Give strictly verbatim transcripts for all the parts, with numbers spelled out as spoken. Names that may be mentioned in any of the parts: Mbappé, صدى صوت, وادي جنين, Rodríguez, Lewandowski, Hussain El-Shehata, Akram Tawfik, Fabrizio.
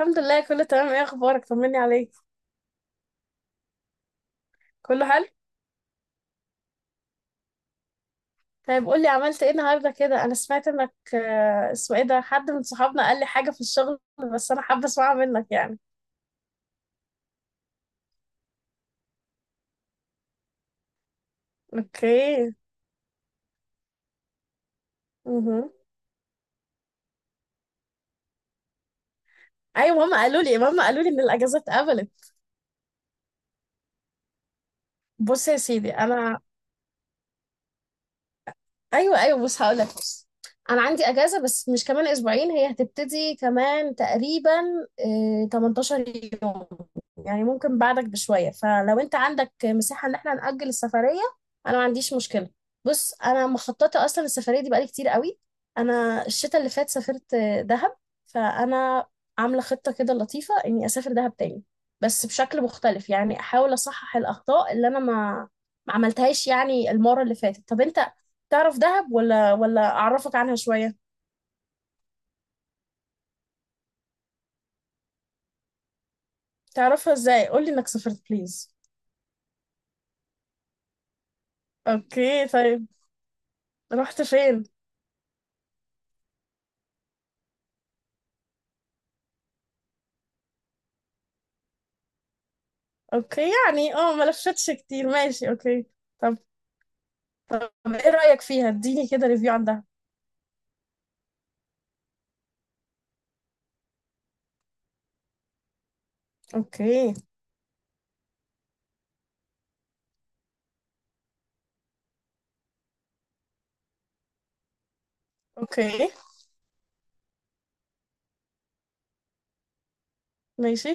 الحمد لله، كله تمام. ايه اخبارك؟ طمني عليك. كله حلو. طيب قول لي عملت ايه النهارده كده. انا سمعت انك آه، اسمه ايه ده، حد من صحابنا قال لي حاجه في الشغل، بس انا حابه اسمعها منك يعني. اوكي، مهم. ايوه، ماما قالوا لي ماما قالوا لي ان الاجازات اتقبلت. بص يا سيدي، انا ايوه ايوه، بص هقول لك. بص انا عندي اجازه بس مش كمان اسبوعين، هي هتبتدي كمان تقريبا آه، تمنتاشر يوم، يعني ممكن بعدك بشويه، فلو انت عندك مساحه ان احنا ناجل السفريه انا ما عنديش مشكله. بص انا مخططه اصلا السفريه دي بقالي كتير قوي. انا الشتاء اللي فات سافرت آه، دهب، فانا عامله خطه كده لطيفه اني اسافر دهب تاني، بس بشكل مختلف، يعني احاول اصحح الاخطاء اللي انا ما ما عملتهاش يعني المره اللي فاتت. طب انت تعرف دهب ولا ولا اعرفك عنها شوية؟ تعرفها ازاي؟ قولي انك سافرت بليز. اوكي طيب، رحت فين؟ اوكي، يعني اه ما لفتش كتير، ماشي اوكي. طب طب ايه رأيك فيها؟ اديني كده ريفيو عن دهب. اوكي. اوكي، ماشي.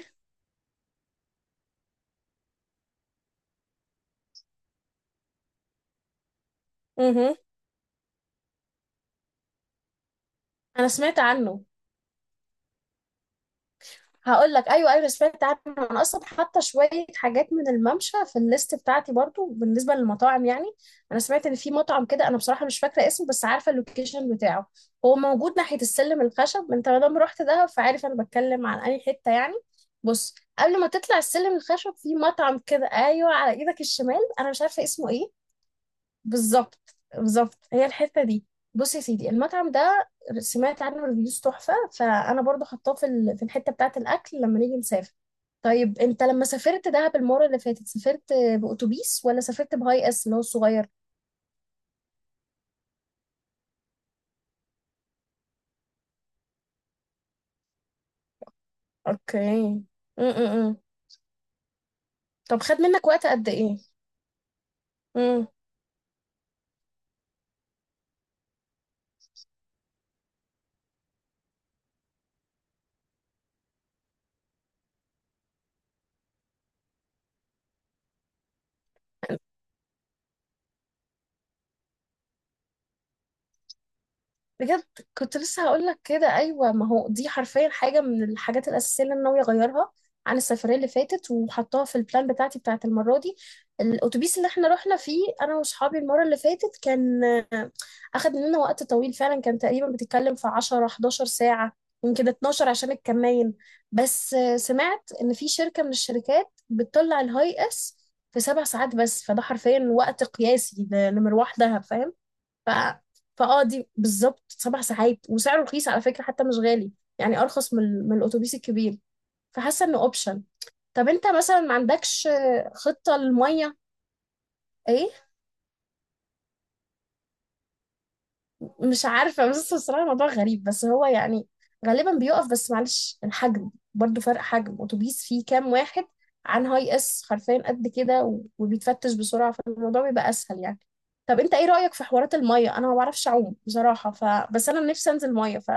امم انا سمعت عنه. هقول لك، ايوه ايوه، أنا سمعت عنه. انا اصلا حاطه شويه حاجات من الممشى في الليست بتاعتي برضو بالنسبه للمطاعم يعني. انا سمعت ان في مطعم كده، انا بصراحه مش فاكره اسمه بس عارفه اللوكيشن بتاعه. هو موجود ناحيه السلم الخشب، انت ما دام رحت دهب فعارف انا بتكلم عن اي حته يعني. بص قبل ما تطلع السلم الخشب في مطعم كده، ايوه، على ايدك الشمال، انا مش عارفه اسمه ايه. بالظبط بالظبط، هي الحته دي. بص يا سيدي، المطعم ده سمعت عنه ريفيوز تحفه، فانا برضو حطاه في ال- في الحته بتاعه الاكل لما نيجي نسافر. طيب انت لما سافرت دهب المره اللي فاتت سافرت باوتوبيس ولا سافرت بهاي اس اللي هو الصغير؟ اوكي. م -م -م. طب خد منك وقت قد ايه؟ بجد كنت لسه هقول لك كده، ايوه، ما هو دي حرفيا حاجه من الحاجات الاساسيه اللي انا ناويه اغيرها عن السفريه اللي فاتت وحطاها في البلان بتاعتي بتاعت المره دي. الاتوبيس اللي احنا رحنا فيه انا واصحابي المره اللي فاتت كان آه، اخد مننا وقت طويل فعلا، كان تقريبا بتتكلم في عشرة حداشر ساعه، يمكن اتناشر عشان الكمين. بس آه، سمعت ان في شركه من الشركات بتطلع الهاي اس في سبع ساعات بس، فده حرفيا وقت قياسي ل- لمروح دهب فاهم. ف... فاه دي بالظبط سبع ساعات، وسعره رخيص على فكرة حتى، مش غالي، يعني ارخص من ال- من الاتوبيس الكبير. فحاسة انه اوبشن. طب انت مثلا ما عندكش خطة للمية؟ ايه؟ مش عارفة بس بصراحة الموضوع غريب، بس هو يعني غالبا بيقف، بس معلش الحجم برضو فرق، حجم اتوبيس فيه كام واحد عن هاي اس حرفيا قد كده، و- وبيتفتش بسرعة، فالموضوع بيبقى اسهل يعني. طب انت ايه رأيك في حوارات المية؟ انا ما بعرفش اعوم بصراحة، ف... بس انا نفسي انزل مية، ف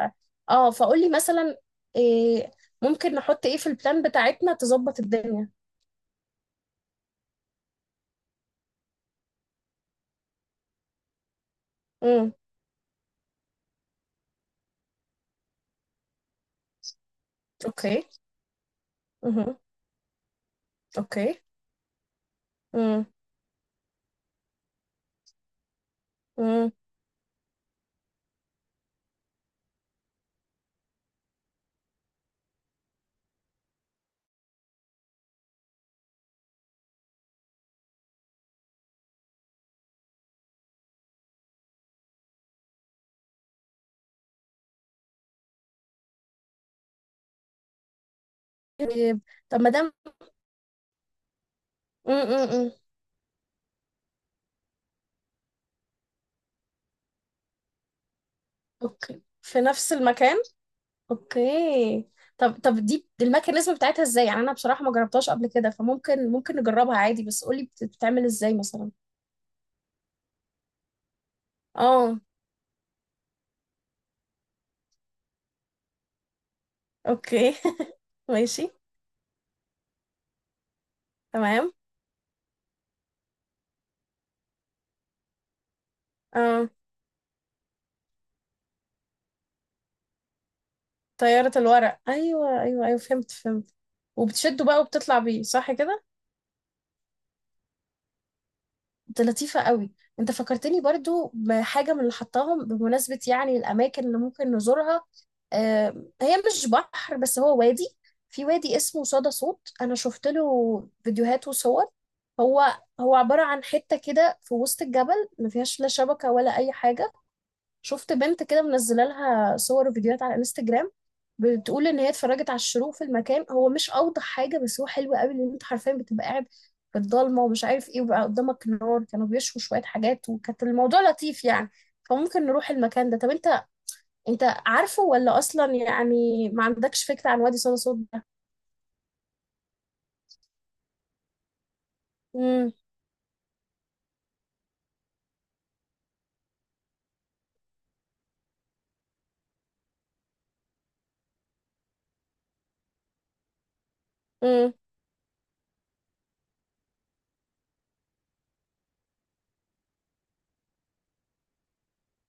اه فقول لي مثلا إيه ممكن نحط ايه في البلان بتاعتنا تظبط الدنيا. امم اوكي. امم اوكي. امم امم. طب ما دام، اوكي في نفس المكان. اوكي. طب طب دي دي الميكانيزم بتاعتها ازاي يعني؟ انا بصراحة ما جربتهاش قبل كده، فممكن ممكن نجربها عادي، بس قولي بت- بتتعمل ازاي مثلا؟ اه. اوكي ماشي. تمام. اه، طيارة الورق، ايوه ايوه ايوه، فهمت فهمت. وبتشده بقى وبتطلع بيه، صح كده؟ دي لطيفة قوي. انت فكرتني برضو بحاجة من اللي حطاهم، بمناسبة يعني الأماكن اللي ممكن نزورها. آه، هي مش بحر بس هو وادي. في وادي اسمه صدى صوت، أنا شفت له فيديوهات وصور. هو هو عبارة عن حتة كده في وسط الجبل ما فيهاش لا شبكة ولا أي حاجة. شفت بنت كده منزله لها صور وفيديوهات على انستجرام بتقول ان هي اتفرجت على الشروق في المكان. هو مش اوضح حاجه بس هو حلو قوي، لان انت حرفيا بتبقى قاعد في الضلمه ومش عارف ايه، وبقى قدامك نار، كانوا بيشوا شويه حاجات، وكانت الموضوع لطيف يعني. فممكن نروح المكان ده. طب انت، انت عارفه ولا اصلا يعني ما عندكش فكره عن وادي صدى صوت ده؟ امم. امم.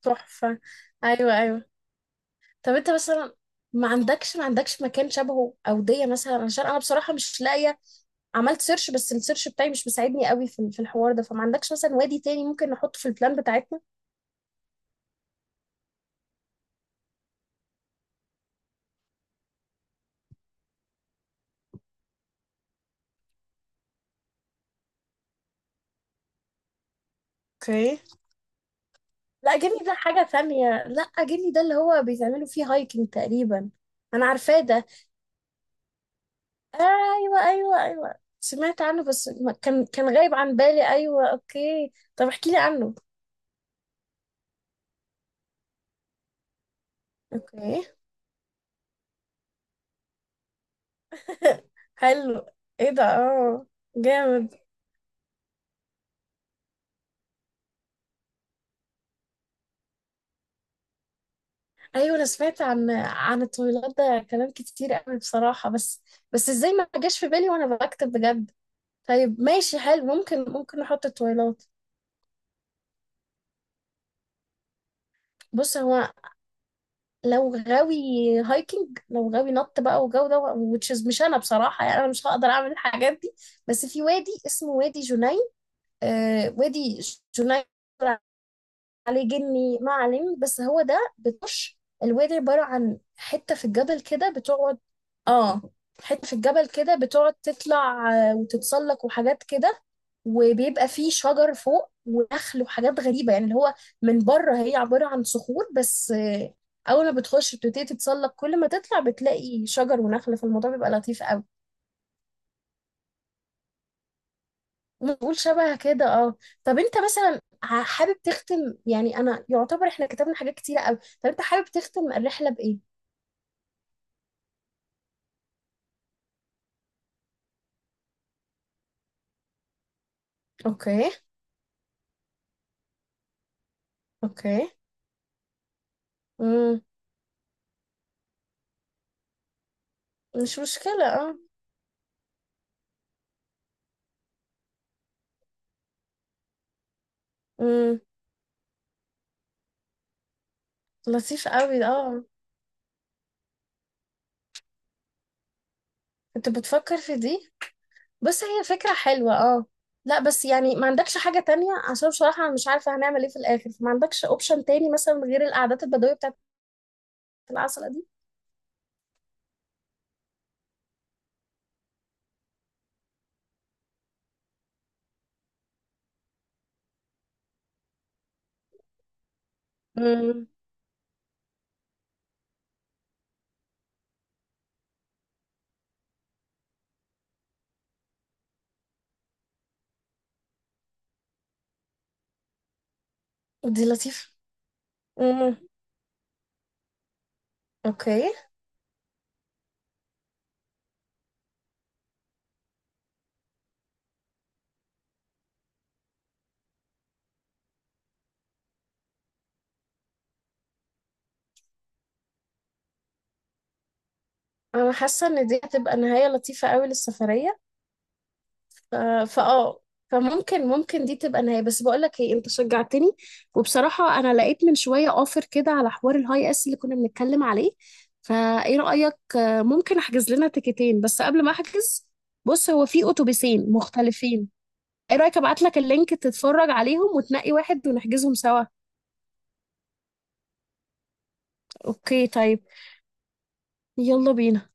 تحفه. ايوه ايوه. طب انت مثلا ما عندكش ما عندكش مكان شبهه اوديه مثلا؟ عشان انا بصراحه مش لاقيه، عملت سيرش بس السيرش بتاعي مش مساعدني قوي في في الحوار ده، فما عندكش مثلا وادي تاني ممكن نحطه في البلان بتاعتنا؟ اوكي. لا جيب لي ده حاجة تانية، لا جيب لي ده اللي هو بيتعملوا فيه هايكنج تقريبا. انا عارفاه ده. ايوه ايوه ايوه سمعت عنه بس ما- كان كان غايب عن بالي. ايوه اوكي طب احكي لي عنه. اوكي حلو. ايه ده؟ اه جامد. ايوه انا سمعت عن عن الطويلات ده كلام كتير قوي بصراحة، بس بس ازاي ما جاش في بالي وانا بكتب؟ بجد. طيب ماشي حلو، ممكن ممكن نحط التويلات. بص هو لو غاوي هايكنج، لو غاوي نط بقى وجو ده، which is مش انا بصراحة، يعني انا مش هقدر اعمل الحاجات دي. بس في وادي اسمه وادي جنين، آه وادي جنين، عليه جني معلم بس هو ده. بتخش الوادي عبارة عن حتة في الجبل كده بتقعد، اه حتة في الجبل كده بتقعد تطلع آه، وتتسلق وحاجات كده. وبيبقى فيه شجر فوق ونخل وحاجات غريبة، يعني اللي هو من بره هي عبارة عن صخور بس، آه، أول ما بتخش بتبتدي تتسلق، كل ما تطلع بتلاقي شجر ونخل، فالموضوع بيبقى لطيف قوي. نقول شبه كده اه. طب انت مثلا ع- حابب تختم؟ يعني انا يعتبر احنا كتبنا حاجات كتيرة قوي. طب انت حابب تختم الرحلة بإيه؟ اوكي. اوكي. امم. مش مشكلة اه. امم. لطيف قوي اه. انت بتفكر في دي؟ بس هي فكرة حلوة اه. لا بس يعني ما عندكش حاجة تانية؟ عشان بصراحة انا مش عارفة هنعمل ايه في الاخر، فما عندكش اوبشن تاني مثلا غير القعدات البدوية بتاعت العسل دي؟ امم. دي لطيفة. امم. اوكي. انا حاسه ان دي هتبقى نهايه لطيفه قوي للسفريه. ف- فاه، فممكن ممكن دي تبقى نهايه. بس بقول لك ايه، انت شجعتني، وبصراحه انا لقيت من شويه اوفر كده على حوار الهاي اس اللي كنا بنتكلم عليه. فايه رايك آه، ممكن احجز لنا تيكتين؟ بس قبل ما احجز، بص هو في اتوبيسين مختلفين، ايه رايك ابعت لك اللينك تتفرج عليهم وتنقي واحد ونحجزهم سوا؟ اوكي طيب، يلا بينا.